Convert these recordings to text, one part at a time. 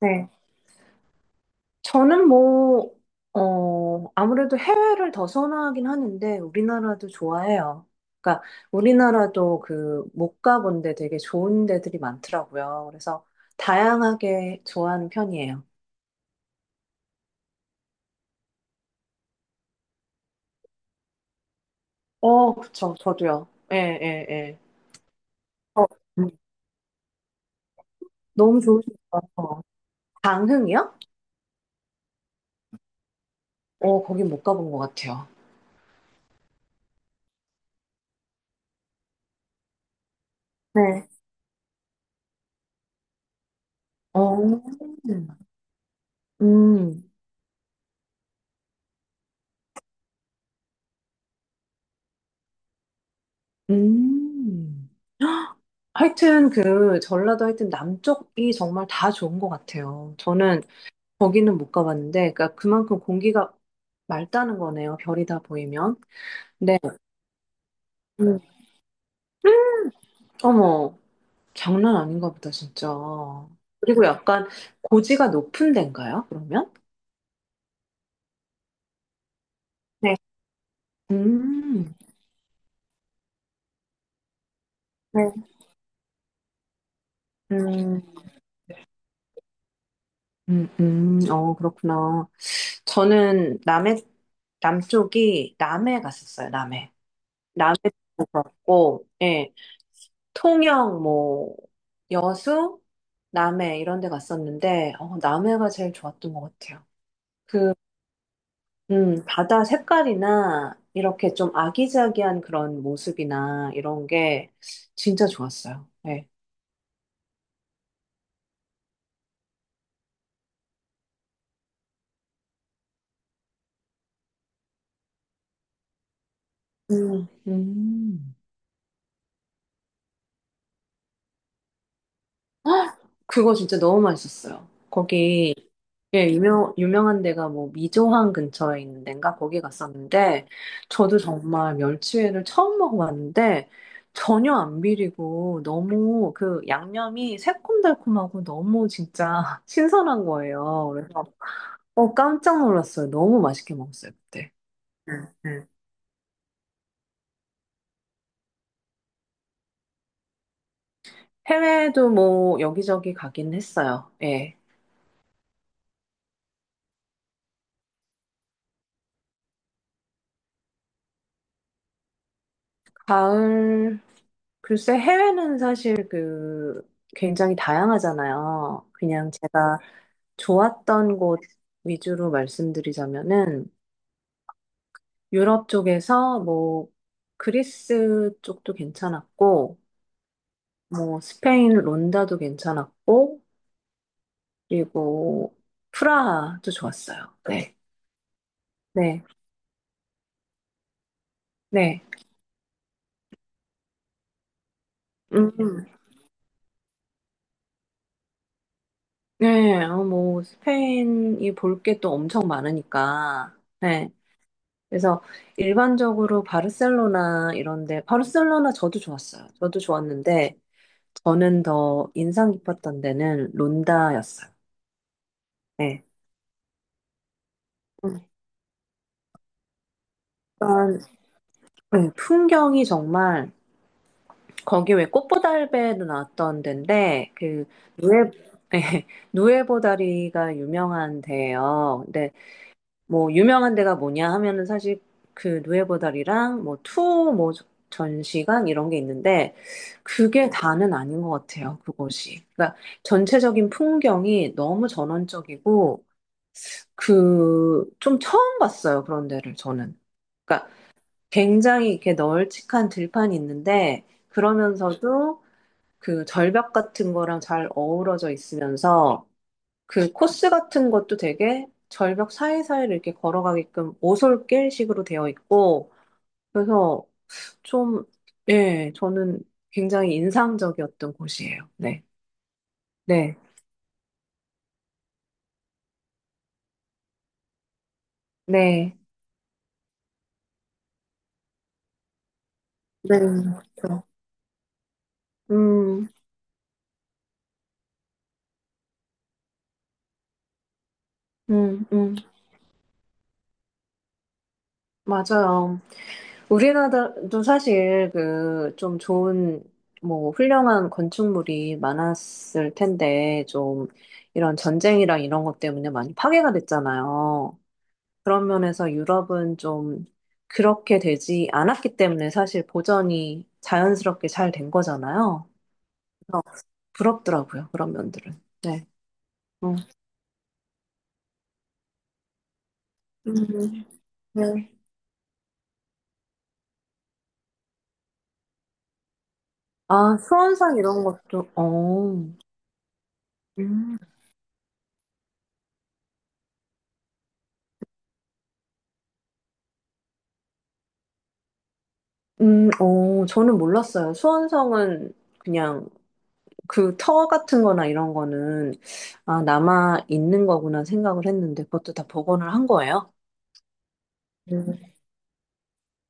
네. 저는 뭐, 아무래도 해외를 더 선호하긴 하는데, 우리나라도 좋아해요. 그러니까, 우리나라도 그, 못 가본 데 되게 좋은 데들이 많더라고요. 그래서, 다양하게 좋아하는 편이에요. 어, 그쵸. 저도요. 예, 예, 예. 어, 음, 너무 좋으신 것 같아요. 강흥이요? 거긴 못 가본 것 같아요. 네. 어, 음, 음. 하여튼 그 전라도 하여튼 남쪽이 정말 다 좋은 것 같아요. 저는 거기는 못 가봤는데, 그러니까 그만큼 공기가 맑다는 거네요. 별이 다 보이면. 네. 음. 어머, 장난 아닌가 보다, 진짜. 그리고 약간 고지가 높은 데인가요, 그러면? 네. 음, 네. 음, 어, 그렇구나. 저는 남해, 남쪽이 남해 갔었어요, 남해. 남해도 그렇고, 예, 통영, 뭐, 여수, 남해 이런 데 갔었는데, 남해가 제일 좋았던 것 같아요. 그, 바다 색깔이나 이렇게 좀 아기자기한 그런 모습이나 이런 게 진짜 좋았어요. 예. 음. 헉! 그거 진짜 너무 맛있었어요. 거기 예, 유명한 데가 뭐 미조항 근처에 있는 데인가 거기 갔었는데 저도 정말 멸치회를 처음 먹어봤는데 전혀 안 비리고 너무 그 양념이 새콤달콤하고 너무 진짜 신선한 거예요. 그래서 깜짝 놀랐어요. 너무 맛있게 먹었어요, 그때. 음, 음. 해외도 뭐 여기저기 가긴 했어요. 예. 가을, 글쎄 해외는 사실 그 굉장히 다양하잖아요. 그냥 제가 좋았던 곳 위주로 말씀드리자면은 유럽 쪽에서 뭐 그리스 쪽도 괜찮았고 뭐 스페인 론다도 괜찮았고 그리고 프라하도 좋았어요. 네. 네. 네. 음. 네. 뭐 스페인이 볼 게 또 엄청 많으니까. 네. 그래서 일반적으로 바르셀로나 이런데, 바르셀로나 저도 좋았어요. 저도 좋았는데, 저는 더 인상 깊었던 데는 론다였어요. 네. 음. 일단, 네, 풍경이 정말, 거기 왜 꽃보다 할배도 나왔던 데인데, 그, 누에, 네, 누에보다리가 유명한 데예요. 뭐 유명한 데가 뭐냐 하면은 사실 그 누에보달이랑 뭐 투 뭐 전시관 이런 게 있는데 그게 다는 아닌 것 같아요. 그곳이. 그러니까 전체적인 풍경이 너무 전원적이고 그 좀 처음 봤어요. 그런 데를 저는. 그러니까 굉장히 이렇게 널찍한 들판이 있는데 그러면서도 그 절벽 같은 거랑 잘 어우러져 있으면서 그 코스 같은 것도 되게 절벽 사이사이를 이렇게 걸어가게끔 오솔길식으로 되어 있고, 그래서 좀, 예, 저는 굉장히 인상적이었던 곳이에요. 네. 네. 네. 네. 그렇죠. 음, 음, 음. 맞아요. 우리나라도 사실 그 좀 좋은, 뭐, 훌륭한 건축물이 많았을 텐데, 좀 이런 전쟁이랑 이런 것 때문에 많이 파괴가 됐잖아요. 그런 면에서 유럽은 좀 그렇게 되지 않았기 때문에 사실 보전이 자연스럽게 잘 된 거잖아요. 그래서 부럽더라고요, 그런 면들은. 네. 어. 음, 네. 아, 수원상 이런 것도, 어. 음, 어, 저는 몰랐어요. 수원성은 그냥 그 터 같은 거나 이런 거는, 아, 남아 있는 거구나 생각을 했는데, 그것도 다 복원을 한 거예요? 음,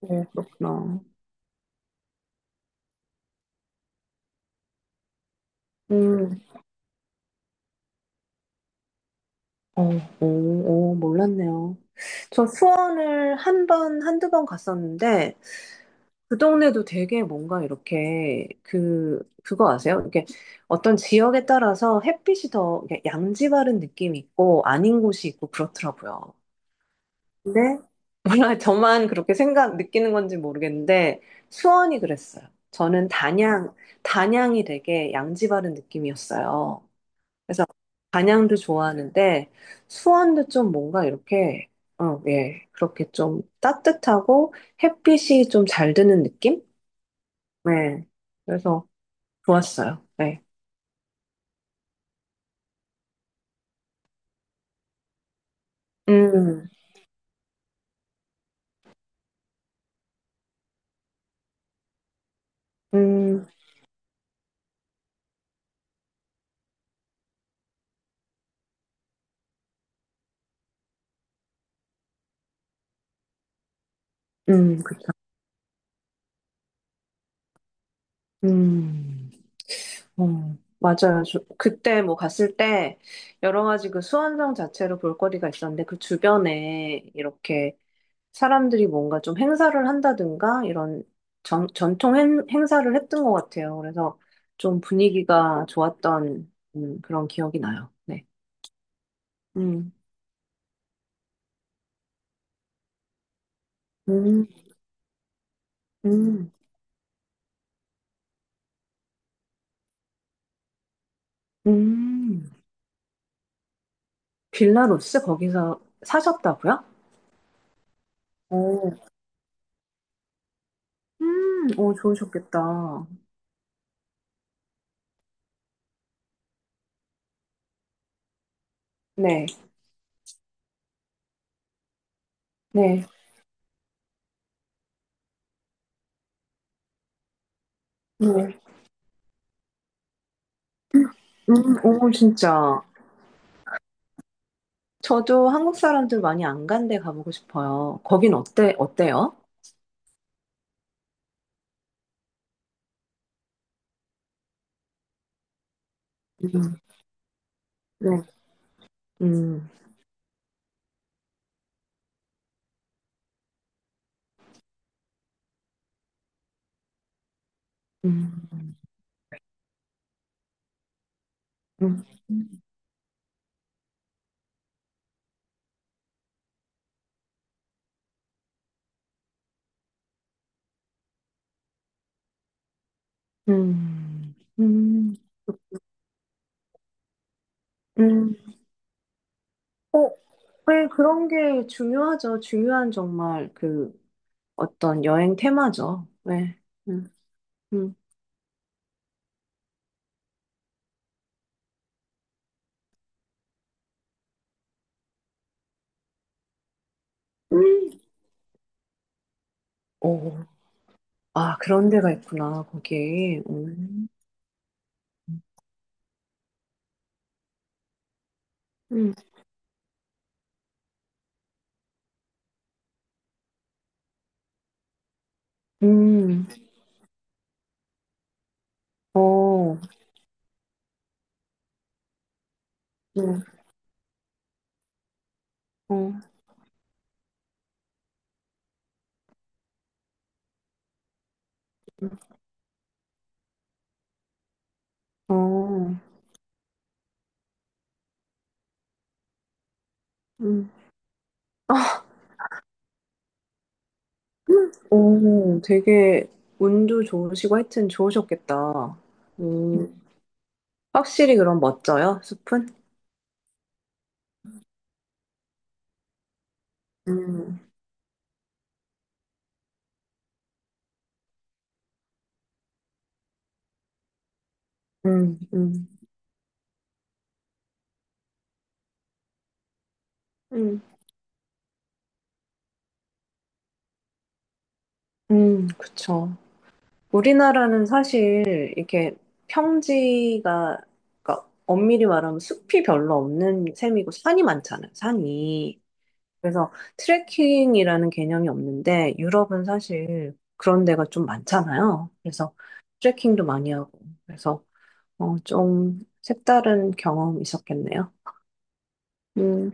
네, 그렇구나. 음, 어, 오, 오, 몰랐네요. 저 수원을 한 번, 한두 번 갔었는데, 그 동네도 되게 뭔가 이렇게, 그, 그거 아세요? 이렇게 어떤 지역에 따라서 햇빛이 더 이렇게 양지바른 느낌이 있고, 아닌 곳이 있고, 그렇더라고요. 근데, 몰라, 저만 그렇게 느끼는 건지 모르겠는데, 수원이 그랬어요. 저는 단양이 되게 양지바른 느낌이었어요. 단양도 좋아하는데 수원도 좀 뭔가 이렇게 예. 그렇게 좀 따뜻하고 햇빛이 좀 잘 드는 느낌? 네. 그래서 좋았어요. 네. 음. 음. 음. 음. 음. 맞아요. 그때 뭐 갔을 때 여러 가지 그 수원성 자체로 볼거리가 있었는데 그 주변에 이렇게 사람들이 뭔가 좀 행사를 한다든가 이런 전통 행사를 했던 것 같아요. 그래서 좀 분위기가 좋았던 그런 기억이 나요. 네. 음, 음, 음, 음. 빌라루스 거기서 사셨다고요? 오, 오, 좋으셨겠다. 네, 네, 네. 오, 진짜. 저도 한국 사람들 많이 안 간데 가보고 싶어요. 거긴 어때요? 음, 네. 음, 음, 음. 음, 음, 음. 어, 왜 그런 게 중요하죠? 중요한 정말 그 어떤 여행 테마죠. 네. 음, 음. 음. 오, 아, 그런 데가 있구나, 거기. 음, 음. 어, 음, 어, 음, 어, 음. 오, 되게 운도 좋으시고 하여튼 좋으셨겠다. 음, 확실히 그럼 멋져요, 숲은? 음, 음, 음. 음. 그쵸. 우리나라는 사실 이렇게 평지가, 그러니까 엄밀히 말하면 숲이 별로 없는 셈이고 산이 많잖아요, 산이. 그래서 트레킹이라는 개념이 없는데 유럽은 사실 그런 데가 좀 많잖아요. 그래서 트레킹도 많이 하고. 그래서 좀 색다른 경험이 있었겠네요. 음,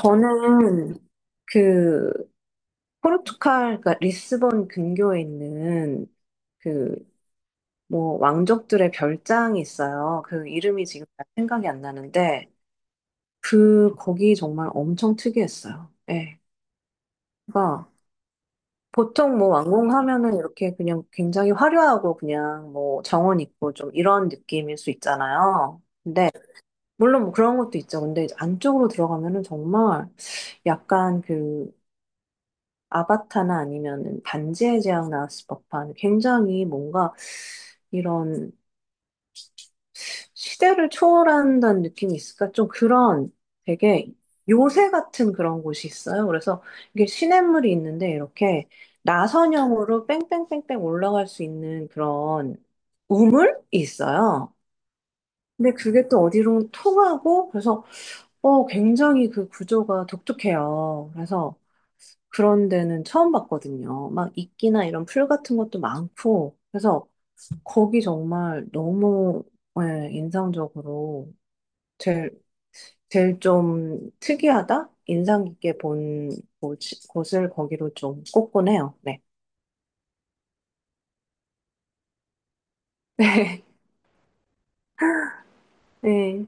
저는 그 포르투갈, 그러니까 리스본 근교에 있는 그 뭐 왕족들의 별장이 있어요. 그 이름이 지금 잘 생각이 안 나는데 그 거기 정말 엄청 특이했어요. 예. 그러니까 보통 뭐 왕궁 하면은 이렇게 그냥 굉장히 화려하고 그냥 뭐 정원 있고 좀 이런 느낌일 수 있잖아요. 근데 물론 뭐 그런 것도 있죠. 근데 이제 안쪽으로 들어가면은 정말 약간 그 아바타나 아니면은 반지의 제왕 나왔을 법한 굉장히 뭔가 이런 시대를 초월한다는 느낌이 있을까? 좀 그런 되게 요새 같은 그런 곳이 있어요. 그래서 이게 시냇물이 있는데 이렇게 나선형으로 뺑뺑뺑뺑 올라갈 수 있는 그런 우물이 있어요. 근데 그게 또 어디로 통하고 그래서 굉장히 그 구조가 독특해요. 그래서 그런 데는 처음 봤거든요. 막 이끼나 이런 풀 같은 것도 많고 그래서 거기 정말 너무 예, 인상적으로 제일, 제일 좀 특이하다? 인상 깊게 본 곳- 곳을 거기로 좀 꼽곤 해요. 네. 네. 네.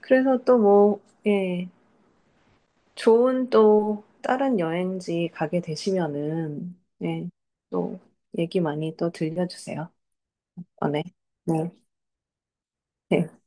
그래서 또 뭐, 예. 좋은 또 다른 여행지 가게 되시면은, 예. 또 얘기 많이 또 들려주세요. 어, 네. 네. 네.